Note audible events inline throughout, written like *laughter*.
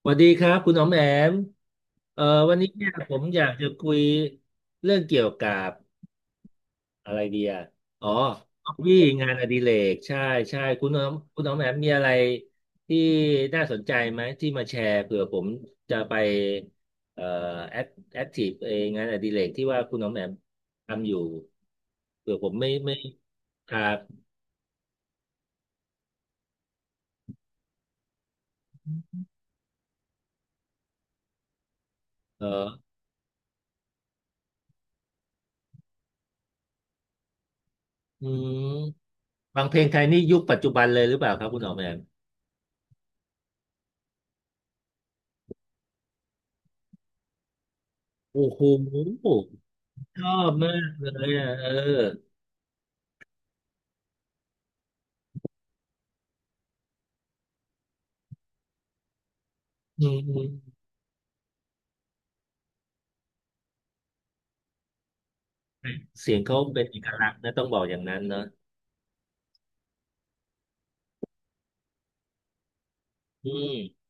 สวัสดีครับคุณอ๋อมแอมเอ่อวันนี้เนี่ยผมอยากจะคุยเรื่องเกี่ยวกับอะไรดีอ่ะอ๋อฮอบบี้งานอดิเรกใช่ใช่คุณอ๋อมแอมมีอะไรที่น่าสนใจไหมที่มาแชร์เผื่อผมจะไปเอ่อแอคแอคทีฟเองงานอดิเรกที่ว่าคุณอ๋อมแอมทำอยู่เผื่อผมไม่ครับเอออืมฟังเพลงไทยนี่ยุคปัจจุบันเลยหรือเปล่าครับคุณอ๋อมแอมโอ้โห ชอบมากเลยอ่ะเอออืมอืมเสียงเขาเป็นเอกลักษณ์นะต้องบอกอย่างนั้นเนอะอืม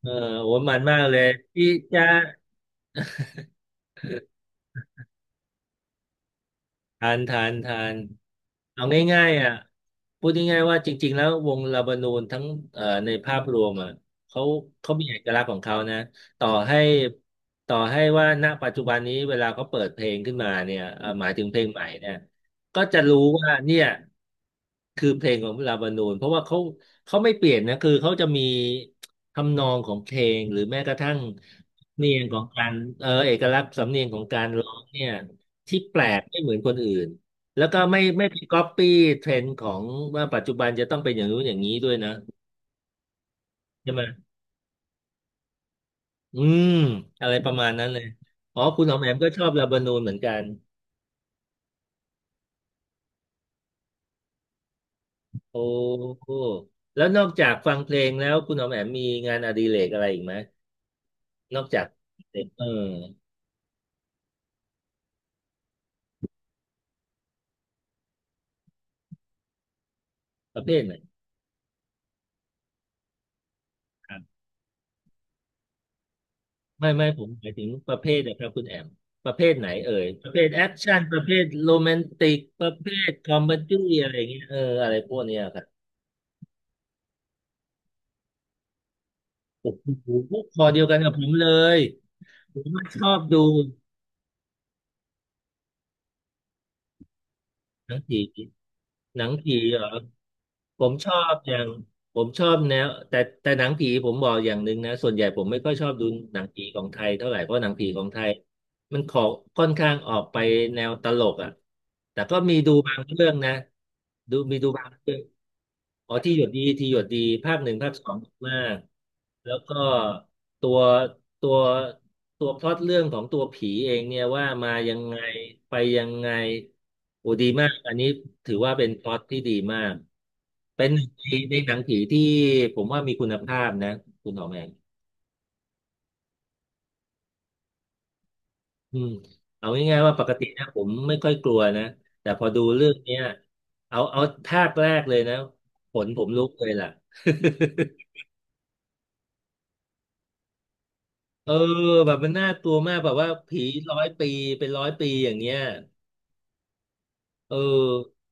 เออโอ้มันมากเลยพี่จะ ทานทานทานเอาง่ายๆอ่ะพูดง่ายๆว่าจริงๆแล้ววงลาบานูนทั้งในภาพรวมอ่ะเขาเขามีเอกลักษณ์ของเขานะต่อให้ต่อให้ว่าณปัจจุบันนี้เวลาเขาเปิดเพลงขึ้นมาเนี่ยหมายถึงเพลงใหม่เนี่ยก็จะรู้ว่าเนี่ยคือเพลงของลาบานูนเพราะว่าเขาไม่เปลี่ยนนะคือเขาจะมีทำนองของเพลงหรือแม้กระทั่งสำเนียงของการเอกลักษณ์สำเนียงของการร้องเนี่ย ที่แปลกไม่เหมือนคนอื่นแล้วก็ไม่ไปก๊อปปี้เทรนด์ของว่าปัจจุบันจะต้องเป็นอย่างนู้นอย่างนี้ด้วยนะใช่ไหมอืมอะไรประมาณนั้นเลยอ๋อคุณหอมแอมก็ชอบลาบานูนเหมือนกันโอ้โหแล้วนอกจากฟังเพลงแล้วคุณหอมแอมมีงานอดิเรกอะไรอีกไหมนอกจากเอ่อประเภทไหนครับไม่ผมหมายถึงประเภทนะครับคุณแอมประเภทไหนเอ่ยประเภทแอคชั่นประเภทโรแมนติกประเภทคอมเมดี้อะไรอย่างเงี้ยอะไรพวกเนี้ยครับ โอ้โหคอเดียวกันกับผมเลยผมชอบดูหนังผีหนังผีเหรอผมชอบอย่างผมชอบแนวแต่หนังผีผมบอกอย่างหนึ่งนะส่วนใหญ่ผมไม่ค่อยชอบดูหนังผีของไทยเท่าไหร่เพราะหนังผีของไทยมันขอค่อนข้างออกไปแนวตลกอ่ะแต่ก็มีดูบางเรื่องนะมีดูบางเรื่องอ๋อที่หยดดีที่หยดดีภาคหนึ่งภาคสองมากแล้วก็ ตัวตัวตัวพล็อตเรื่องของตัวผีเองเนี่ยว่ามายังไงไปยังไงโอ้ดีมากอันนี้ถือว่าเป็นพล็อตที่ดีมากเป็นหนึ่งในหนังผีที่ผมว่ามีคุณภาพนะคุณหอมแอมอืมเอาง่ายๆว่าปกตินะผมไม่ค่อยกลัวนะแต่พอดูเรื่องเนี้ยเอาภาคแรกเลยนะขนผมลุกเลยล่ะ *laughs* เออแบบมันน่ากลัวมากแบบว่าผีร้อยปีเป็นร้อยปีอย่างเงี้ยเออ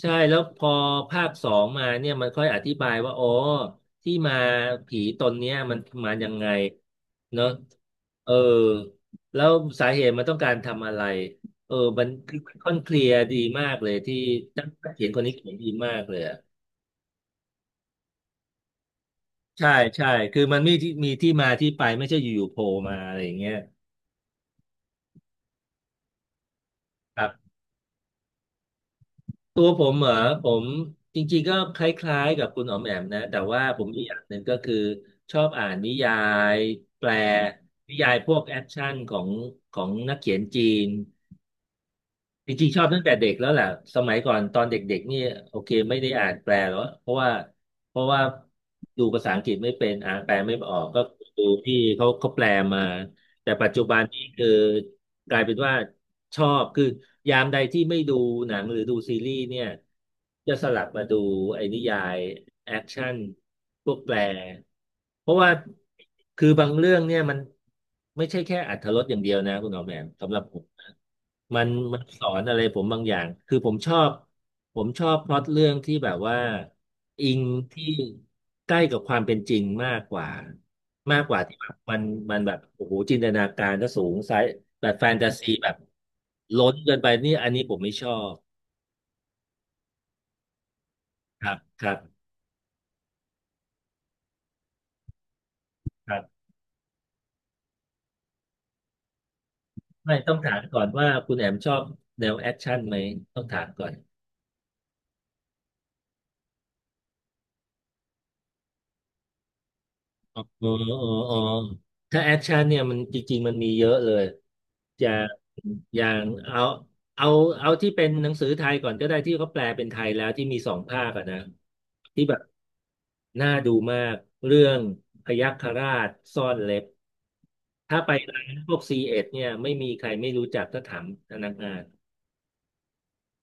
ใช่แล้วพอภาคสองมาเนี่ยมันค่อยอธิบายว่าอ๋อที่มาผีตนเนี้ยมันมายังไงเนอะเออแล้วสาเหตุมันต้องการทำอะไรมันค่อนเคลียร์ดีมากเลยที่นักเขียนคนนี้เขียนดีมากเลยอะใช่ใช่คือมันมีที่มาที่ไปไม่ใช่อยู่ๆโผล่มาอะไรอย่างเงี้ยครับ ตัวผมเหรอผมจริงๆก็คล้ายๆกับคุณอ๋อมแอมนะแต่ว่าผมอีกอย่างหนึ่งก็คือชอบอ่านนิยายแปลนิยายพวกแอคชั่นของนักเขียนจีน จริงๆชอบตั้งแต่เด็กแล้วแหละสมัยก่อนตอนเด็กๆนี่โอเคไม่ได้อ่านแปลหรอกเพราะว่าดูภาษาอังกฤษไม่เป็นอ่านแปลไม่ออกก็ดูที่เขาแปลมาแต่ปัจจุบันนี่คือกลายเป็นว่าชอบคือยามใดที่ไม่ดูหนังหรือดูซีรีส์เนี่ยจะสลับมาดูไอ้นิยายแอคชั่นพวกแปลเพราะว่าคือบางเรื่องเนี่ยมันไม่ใช่แค่อรรถรสอย่างเดียวนะคุณหมอแหม่มสำหรับผม มันสอนอะไรผมบางอย่างคือผมชอบพล็อตเรื่องที่แบบว่าอิงที่ใกล้กับความเป็นจริงมากกว่าที่แบบมันแบบโอ้โหจินตนาการก็สูงไซส์แบบแฟนตาซีแบบล้นเกินไปนี่อันนี้ผมไม่ชอบครับครับครับไม่ต้องถามก่อนว่าคุณแอมชอบแนวแอคชั่นไหมต้องถามก่อน อ๋ออ๋ออ๋อถ้าแอคชั่นเนี่ยมันจริงๆมันมีเยอะเลยจะอย่างเอาเอาที่เป็นหนังสือไทยก่อนก็ได้ที่เขาแปลเป็นไทยแล้วที่มีสองภาคอะนะที่แบบน่าดูมากเรื่องพยัคฆราชซ่อนเล็บถ้าไปร้านพวกซีเอ็ดเนี่ยไม่มีใครไม่รู้จักถ้าถามพนักงาน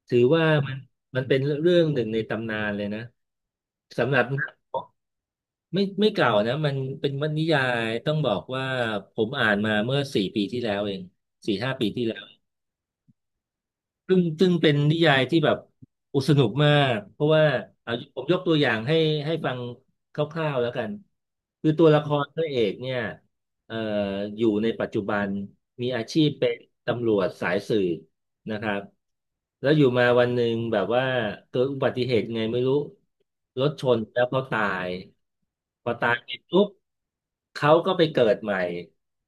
ถือว่ามันเป็นเรื่องหนึ่งในตำนานเลยนะสำหรับ ไม่เก่านะมันเป็นวรรณนิยายต้องบอกว่าผมอ่านมาเมื่อสี่ปีที่แล้วเองสี่ห้าปีที่แล้ว ซึ่งเป็นนิยายที่แบบโอุสนุกมากเพราะว่าเอาผมยกตัวอย่างให้ให้ฟังคร่าวๆแล้วกันคือตัวละครพระเอกเนี่ยเอ่ออยู่ในปัจจุบันมีอาชีพเป็นตำรวจสายสืบนะครับแล้วอยู่มาวันหนึ่งแบบว่าเกิดอุบัติเหตุไงไม่รู้รถชนแล้วเขาตายพอตายเสร็จปุ๊บเขาก็ไปเกิดใหม่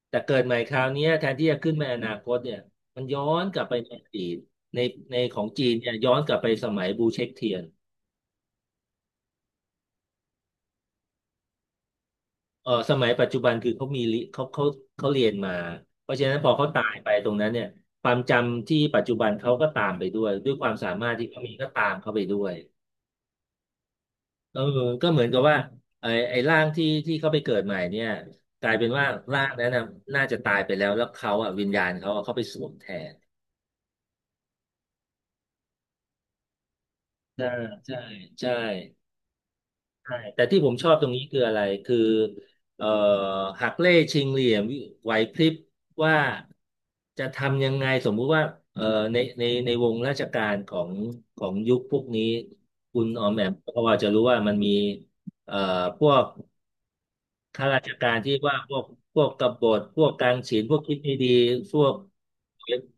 แต่เกิดใหม่คราวเนี้ยแทนที่จะขึ้นไปอนาคตเนี่ยมันย้อนกลับไปในอดีต ในในของจีนเนี่ยย้อนกลับไปสมัยบูเช็กเทียนเออสมัยปัจจุบันคือเขามีลิเขาเขาเรียนมาเพราะฉะนั้นพอเขาตายไปตรงนั้นเนี่ยความจำที่ปัจจุบันเขาก็ตามไปด้วยด้วยความสามารถที่เขามีก็ตามเขาไปด้วยเออก็เหมือนกับว่าไอ้ร่างที่เขาไปเกิดใหม่เนี่ยกลายเป็นว่าร่างนั้นน่ะน่าจะตายไปแล้วแล้วเขาอ่ะวิญญาณเขาอะเขาไปสวมแทนใช่ใช่ใช่ ใช่แต่ที่ผมชอบตรงนี้คืออะไรคือเอ่อหักเล่ชิงเหลี่ยมไหวพริบว่าจะทำยังไงสมมุติว่าเอ่อในวงราชการของของยุคพวกนี้คุณออมแอมก็พอจะรู้ว่ามันมีเอ่อพวก ข้าราชการที่ว่าพวกพวกกบฏพวกกลางศีลพวกคิดไม่ดีพวก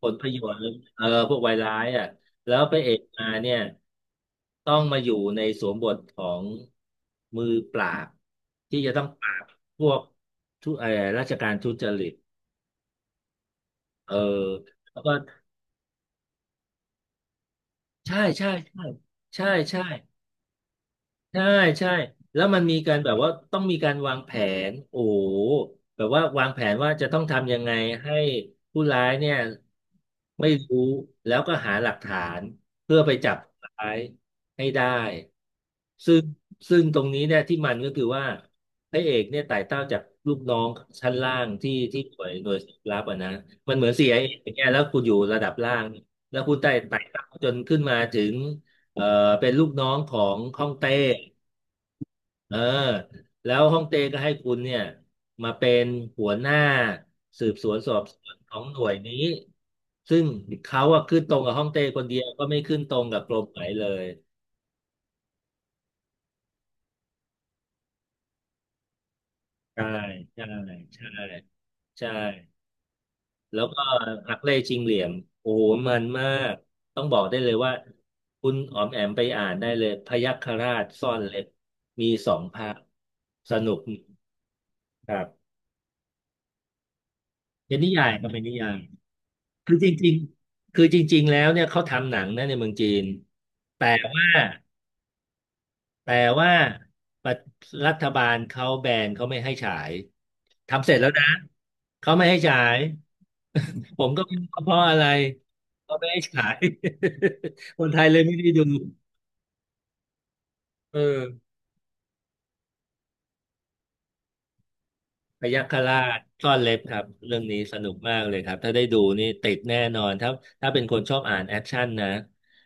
ผลประโยชน์เออพวกวายร้ายอ่ะแล้วพระเอกมาเนี่ยต้องมาอยู่ในสวมบทของมือปราบที่จะต้องปราบพวกทุเออราชการทุจริตเออแล้วก็ใช่ใช่ใช่ใช่ใช่ ใช่ใช่แล้วมันมีการแบบว่าต้องมีการวางแผนโอ้โหแบบว่าวางแผนว่าจะต้องทำยังไงให้ผู้ร้ายเนี่ยไม่รู้แล้วก็หาหลักฐานเพื่อไปจับผู้ร้ายให้ได้ซึ่งซึ่งตรงนี้เนี่ยที่มันก็คือว่าพระเอกเนี่ยไต่เต้าจากลูกน้องชั้นล่างที่หน่วยสืบลับอ่ะนะมันเหมือนเสีไอเออย่างเงี้ยแล้วคุณอยู่ระดับล่างแล้วคุณไต่เต้าจนขึ้นมาถึงเอ่อเป็นลูกน้องของฮ่องเต้ เออแล้วฮ่องเต้ก็ให้คุณเนี่ยมาเป็นหัวหน้าสืบสวนสอบสวนของหน่วยนี้ซึ่งเขาอะขึ้นตรงกับฮ่องเต้คนเดียวก็ไม่ขึ้นตรงกับกรมไหนเลยใช่ใช่ใช่ใช่แล้วก็หักเล่ชิงเหลี่ยมโอ้โหมันมากต้องบอกได้เลยว่าคุณอ๋อมแอมไปอ่านได้เลยพยัคฆราชซ่อนเล็บมีสองภาคสนุกครับเป็นนิยายก็เป็นนิยาย คือจริงๆคือจริงๆแล้วเนี่ยเขาทำหนังนะในเมืองจีน แต่ว่าแต่ว่าประรัฐบาลเขาแบนเขาไม่ให้ฉาย ทำเสร็จแล้วนะเขาไม่ให้ฉาย *laughs* ผมก็ไม่รู้ว่าเพราะอะไรเขาไม่ให้ฉาย *laughs* คนไทยเลยไม่ได้ดูเออ พยัคฆราชซ่อนเล็บครับเรื่องนี้สนุกมากเลยครับถ้าได้ดูนี่ติดแน่นอนถ้าเป็นคนชอบอ่านแอคชั่นนะ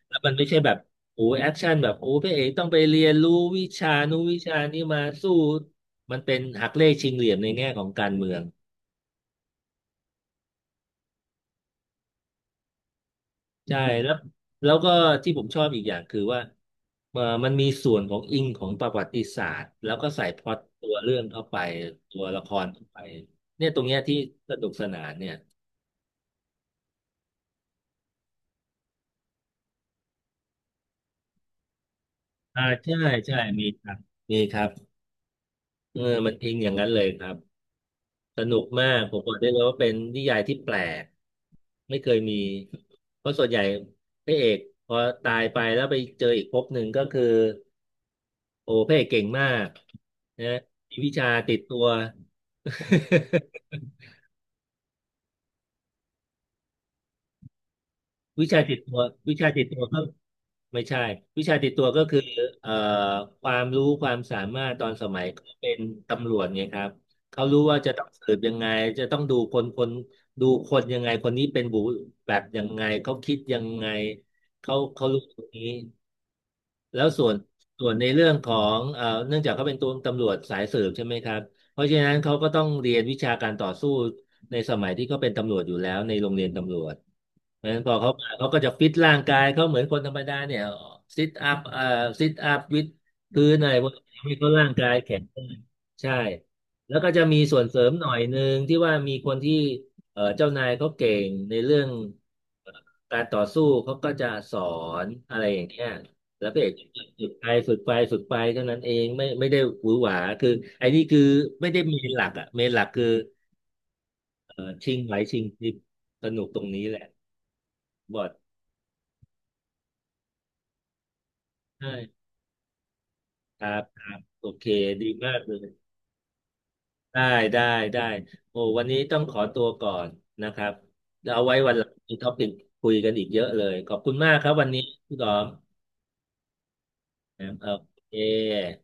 แล้วมันไม่ใช่แบบโอ้แอคชั่นแบบโอ้พระเอกต้องไปเรียนรู้วิชานู้นวิชานี้มาสู้มันเป็นหักเล่ชิงเหลี่ยมในแง่ของการเมืองใช่แล้วแล้วก็ที่ผมชอบอีกอย่างคือว่ามันมีส่วนของอิงของประวัติศาสตร์แล้วก็ใส่พล็อตตัวเรื่องเข้าไปตัวละครเข้าไปเนี่ยตรงเนี้ยที่สนุกสนานเนี่ย อ่าใช่ใช่มีครับมีครับเออมันอิงอย่างนั้นเลยครับสนุกมากผมบอกได้เลยว่าเป็นนิยายที่แปลกไม่เคยมีเพราะส่วนใหญ่พระเอกพอตายไปแล้วไปเจออีกภพหนึ่งก็คือโอ้พระเอกเก่งมากนะมีวิชาติดตัว *laughs* วิชาติดตัววิชาติดตัวก็ไม่ใช่วิชาติดตัวก็คือเอ่อความรู้ความสามารถตอนสมัยเขาเป็นตำรวจไงครับเขารู้ว่าจะต้องสืบยังไงจะต้องดูคนคนดูคนยังไงคนนี้เป็นบุแบบยังไงเขาคิดยังไงเขารู้ตรงนี้ แล้วส่วนในเรื่องของเนื่องจากเขาเป็นตัวตำรวจสายสืบใช่ไหมครับเพราะฉะนั้นเขาก็ต้องเรียนวิชาการต่อสู้ในสมัยที่เขาเป็นตำรวจอยู่แล้วในโรงเรียนตำรวจ เพราะฉะนั้นพอเขามาเขาก็จะฟิตร่างกายเขาเหมือนคนธรรมดาเนี่ยซิทอัพซิทอัพวิดพื้นอะไรพวกนี้ให้เขาร่างกายแข็งแรงใช่แล้วก็จะมีส่วนเสริมหน่อยหนึ่งที่ว่ามีคนที่เจ้านายเขาเก่งในเรื่องการต่อสู้เขาก็จะสอนอะไรอย่างเงี้ย แล้วพระเอกสุดไปเท่านั้นเองไม่ได้หวือหวาคือไอ้นี่คือไม่ได้เมนหลักอ่ะเมนหลักคือชิงไหวชิงพริบสนุกตรงนี้แหละบอดใช่ครับครับโอเคดีมากเลยได้ได้ได้โอ้วันนี้ต้องขอตัวก่อนนะครับเดี๋ยวเอาไว้วันหลังมีท็อปิกคุยกันอีกเยอะเลยขอบคุณมากครับวันนี้พี่ดอมนะครับโอเค